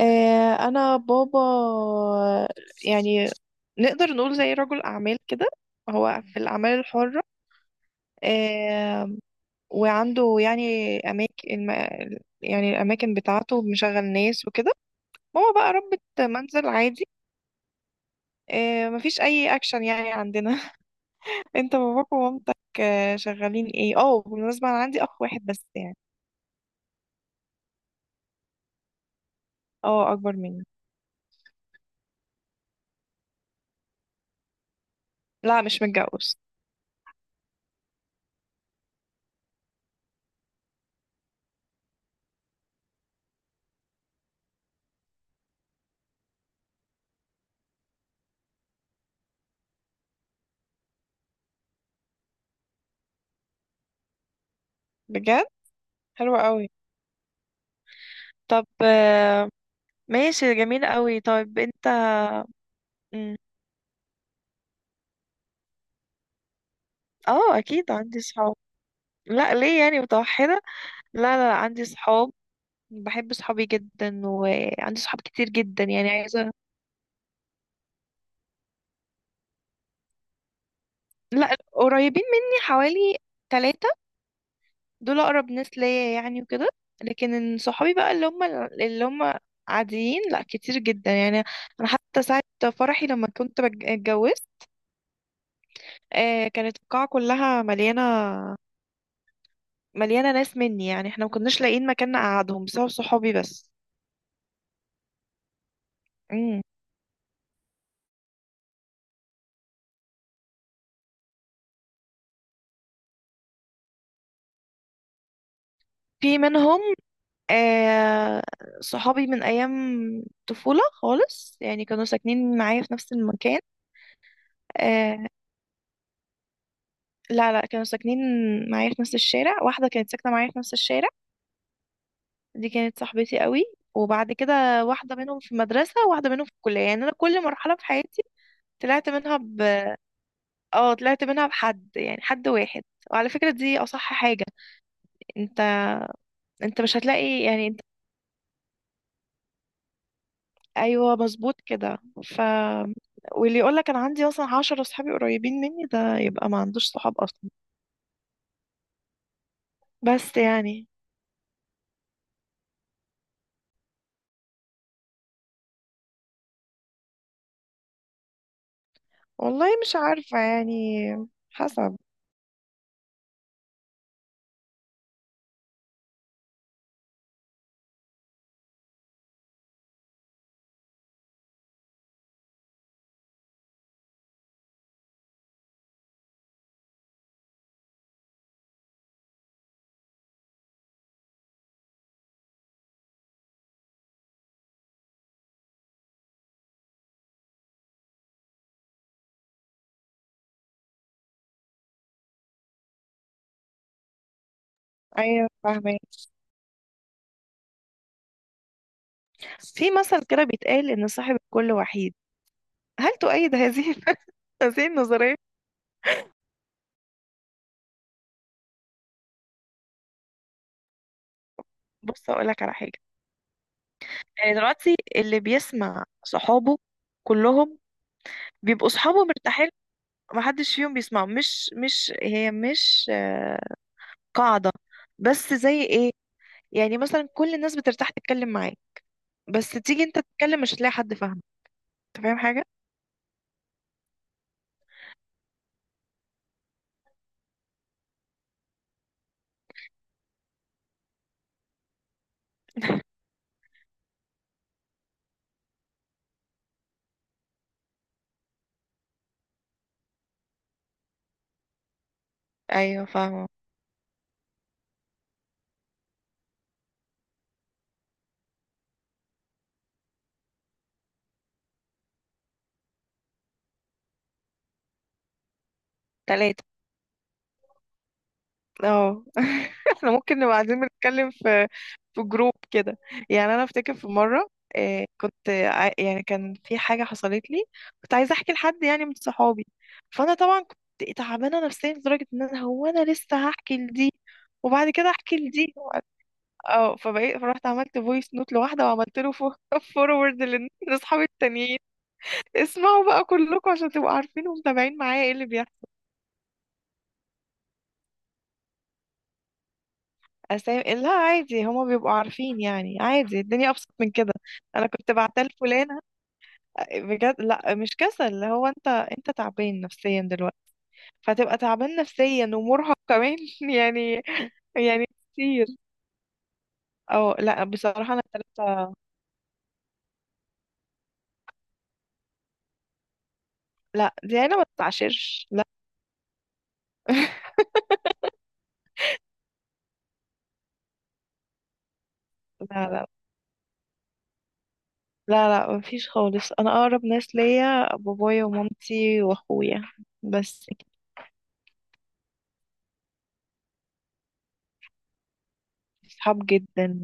آه، انا بابا، يعني نقدر نقول زي رجل اعمال كده. هو في الاعمال الحرة. آه، وعنده يعني اماكن، يعني الاماكن بتاعته مشغل ناس وكده. ماما بقى ربة منزل عادي. آه، مفيش اي اكشن يعني عندنا. انت باباك ومامتك شغالين ايه؟ اه بالمناسبة انا عندي اخ واحد بس يعني. اه اكبر مني. لا مش متجوز. بجد؟ حلوة قوي. طب ماشي جميل قوي. طيب انت. مم. اه اكيد عندي صحاب. لا ليه يعني متوحدة؟ لا لا لا، عندي صحاب. بحب صحابي جدا وعندي صحاب كتير جدا، يعني عايزة. لا قريبين مني حوالي 3. دول أقرب ناس ليا يعني وكده. لكن إن صحابي بقى اللي هم عاديين لا كتير جدا يعني. أنا حتى ساعة فرحي لما كنت اتجوزت، آه، كانت القاعة كلها مليانة ناس مني، يعني احنا ما كناش لاقيين مكان نقعدهم بسبب صحابي بس. امم. في منهم، آه، صحابي من أيام طفولة خالص، يعني كانوا ساكنين معايا في نفس المكان. آه لا لا، كانوا ساكنين معايا في نفس الشارع. واحدة كانت ساكنة معايا في نفس الشارع، دي كانت صاحبتي قوي. وبعد كده واحدة منهم في المدرسة وواحدة منهم في الكلية، يعني أنا كل مرحلة في حياتي طلعت منها ب اه طلعت منها بحد، يعني حد واحد. وعلى فكرة دي أصح حاجة. انت انت مش هتلاقي يعني. ايوه مظبوط كده. ف واللي يقول لك انا عندي مثلا 10 صحابي قريبين مني ده يبقى ما عندوش صحاب اصلا. بس يعني. والله مش عارفة يعني، حسب. ايوه فاهمة. في مثل كده بيتقال ان صاحب الكل وحيد. هل تؤيد هذه هذه النظرية؟ بص اقول لك على حاجة. يعني دلوقتي اللي بيسمع صحابه كلهم بيبقوا صحابه مرتاحين. محدش فيهم بيسمعه، مش قاعدة، بس زي ايه؟ يعني مثلا كل الناس بترتاح تتكلم معاك، بس تيجي انت تتكلم مش هتلاقي حد فاهمك. انت فاهم حاجة؟ ايوه فاهمه. 3. اه احنا ممكن نبقى قاعدين بنتكلم في جروب كده. يعني انا افتكر في مرة، آه، كنت يعني كان في حاجة حصلت لي، كنت عايزة احكي لحد يعني من صحابي. فانا طبعا كنت تعبانة نفسيا لدرجة ان انا لسه هحكي لدي، وبعد كده احكي لدي. اه فبقيت فرحت عملت فويس نوت لواحدة وعملت له فورورد لاصحابي التانيين. اسمعوا بقى كلكم عشان تبقوا عارفين ومتابعين معايا ايه اللي بيحصل. أسامي لا عادي هما بيبقوا عارفين، يعني عادي الدنيا أبسط من كده. أنا كنت بعتها لفلانة. بجد لا مش كسل، اللي هو أنت تعبان نفسيا دلوقتي، فتبقى تعبان نفسيا ومرهق كمان يعني. يعني كتير. أو لا بصراحة أنا 3. لا دي أنا ما بتعاشرش لا لا لا لا لا مفيش خالص. أنا أقرب ناس ليا بابايا ومامتي وأخويا بس. صحاب جدا.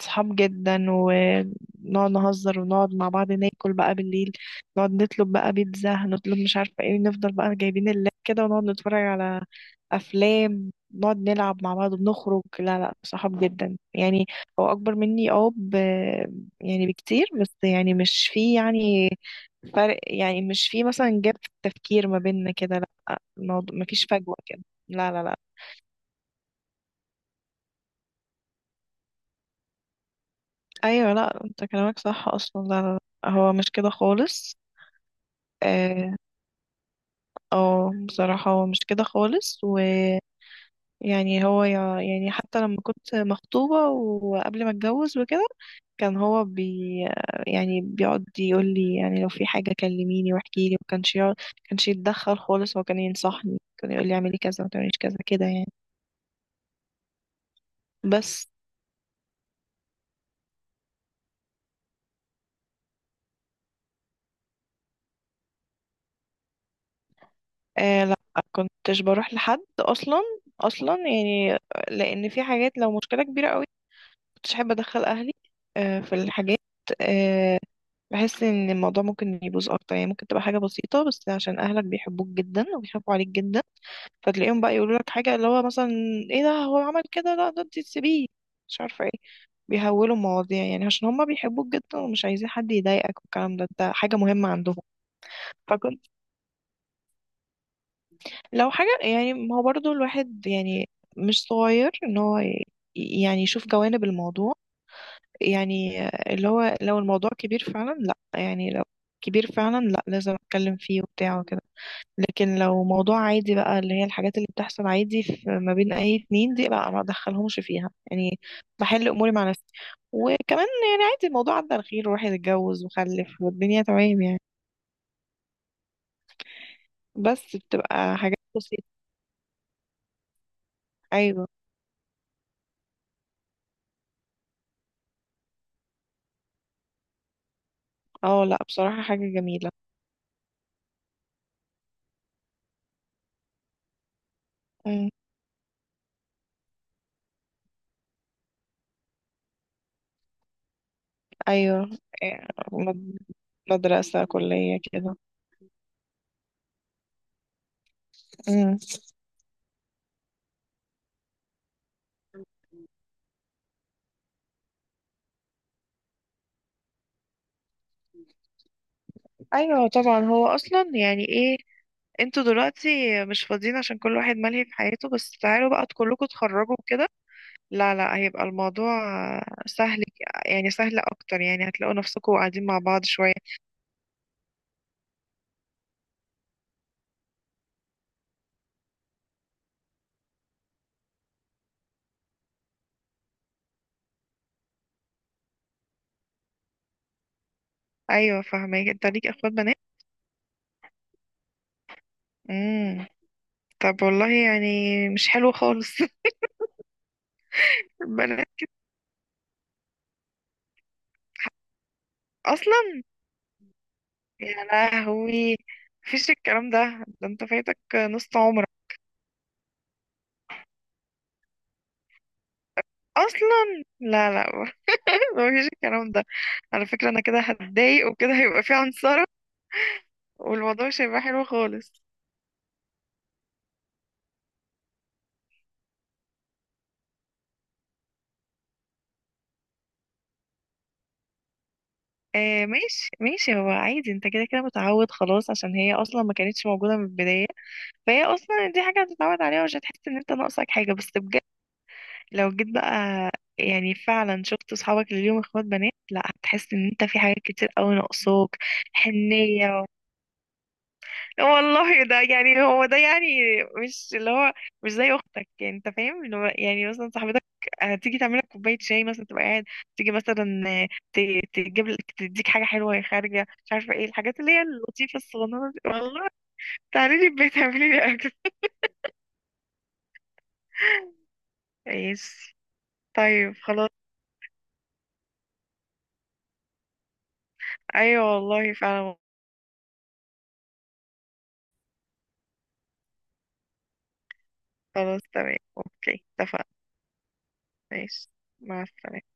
صحاب جدا ونقعد نهزر ونقعد مع بعض ناكل بقى بالليل. نقعد نطلب بقى بيتزا، هنطلب مش عارفة ايه، نفضل بقى جايبين اللاب كده ونقعد نتفرج على أفلام. نقعد نلعب مع بعض بنخرج. لا لا صحاب جدا يعني. هو أكبر مني اه يعني بكتير، بس يعني مش في يعني فرق، يعني مش في مثلا جاب في التفكير ما بيننا كده. لا الموضوع مفيش فجوة كده. لا لا لا. ايوه لا انت كلامك صح اصلا. لا لا. لا، هو مش كده خالص. اه بصراحة هو مش كده خالص ويعني. هو يعني حتى لما كنت مخطوبة وقبل ما اتجوز وكده، كان هو يعني بيقعد يقول لي، يعني لو في حاجة كلميني واحكي لي، وكانش كانش يتدخل خالص. هو كان ينصحني، كان يقول لي اعملي كذا ما تعمليش كذا كده يعني. بس آه لا، كنتش بروح لحد اصلا، اصلا يعني، لان في حاجات لو مشكلة كبيرة قوي كنتش احب ادخل اهلي. آه في الحاجات، آه، بحس ان الموضوع ممكن يبوظ اكتر، يعني ممكن تبقى حاجه بسيطه بس عشان اهلك بيحبوك جدا وبيخافوا عليك جدا، فتلاقيهم بقى يقولوا لك حاجه اللي هو مثلا: ايه ده هو عمل كده؟ لا ده انت تسيبيه مش عارفه ايه. بيهولوا المواضيع يعني عشان هما بيحبوك جدا ومش عايزين حد يضايقك، والكلام ده حاجه مهمه عندهم. فكنت لو حاجه يعني، ما هو برضو الواحد يعني مش صغير ان هو يعني يشوف جوانب الموضوع، يعني اللي هو لو الموضوع كبير فعلا لا، يعني لو كبير فعلا لا لازم اتكلم فيه وبتاع وكده. لكن لو موضوع عادي بقى اللي هي الحاجات اللي بتحصل عادي في ما بين اي اتنين دي بقى ما ادخلهمش فيها يعني، بحل اموري مع نفسي. وكمان يعني عادي الموضوع عدى على خير والواحد اتجوز وخلف والدنيا تمام يعني. بس بتبقى حاجات بسيطة. ايوه. اه لا بصراحة حاجة جميلة. مم. ايوه. إيه، مد- مدرسة كلية كده. مم. ايوه طبعا هو اصلا يعني ايه، انتوا دلوقتي مش فاضيين عشان كل واحد ملهي في حياته، بس تعالوا بقى كلكم تخرجوا كده. لا لا هيبقى الموضوع سهل، يعني سهل اكتر، يعني هتلاقوا نفسكم قاعدين مع بعض شوية. ايوه فاهمك انت ليك اخوات بنات؟ امم. طب والله يعني مش حلو خالص. البنات اصلا. يا لهوي، مفيش الكلام ده. ده انت فايتك نص عمرك. اصلا لا لا مفيش الكلام ده. على فكرة انا كده هتضايق وكده هيبقى في عنصرة، والموضوع مش هيبقى حلو خالص. آه ماشي ماشي، هو عادي انت كده كده متعود خلاص عشان هي اصلا ما كانتش موجوده من البدايه. فهي اصلا دي حاجه هتتعود عليها ومش هتحس ان انت ناقصك حاجه، بس بجد لو جيت بقى يعني فعلا شفت اصحابك اللي ليهم اخوات بنات لا هتحس ان انت في حاجات كتير قوي ناقصاك. حنيه. والله ده يعني، هو ده يعني، مش اللي هو مش زي اختك. يعني انت فاهم اللي هو يعني مثلا صاحبتك هتيجي تعمل لك كوبايه شاي مثلا تبقى قاعد، تيجي مثلا تجيب لك تديك حاجه حلوه وهي خارجه مش عارفه ايه، الحاجات اللي هي اللطيفه الصغننه دي والله. تعالي لي البيت اعملي لي اكل. ماشي. طيب خلاص. ايوه والله فعلا. خلاص تمام اوكي اتفقنا. ماشي. مع السلامه.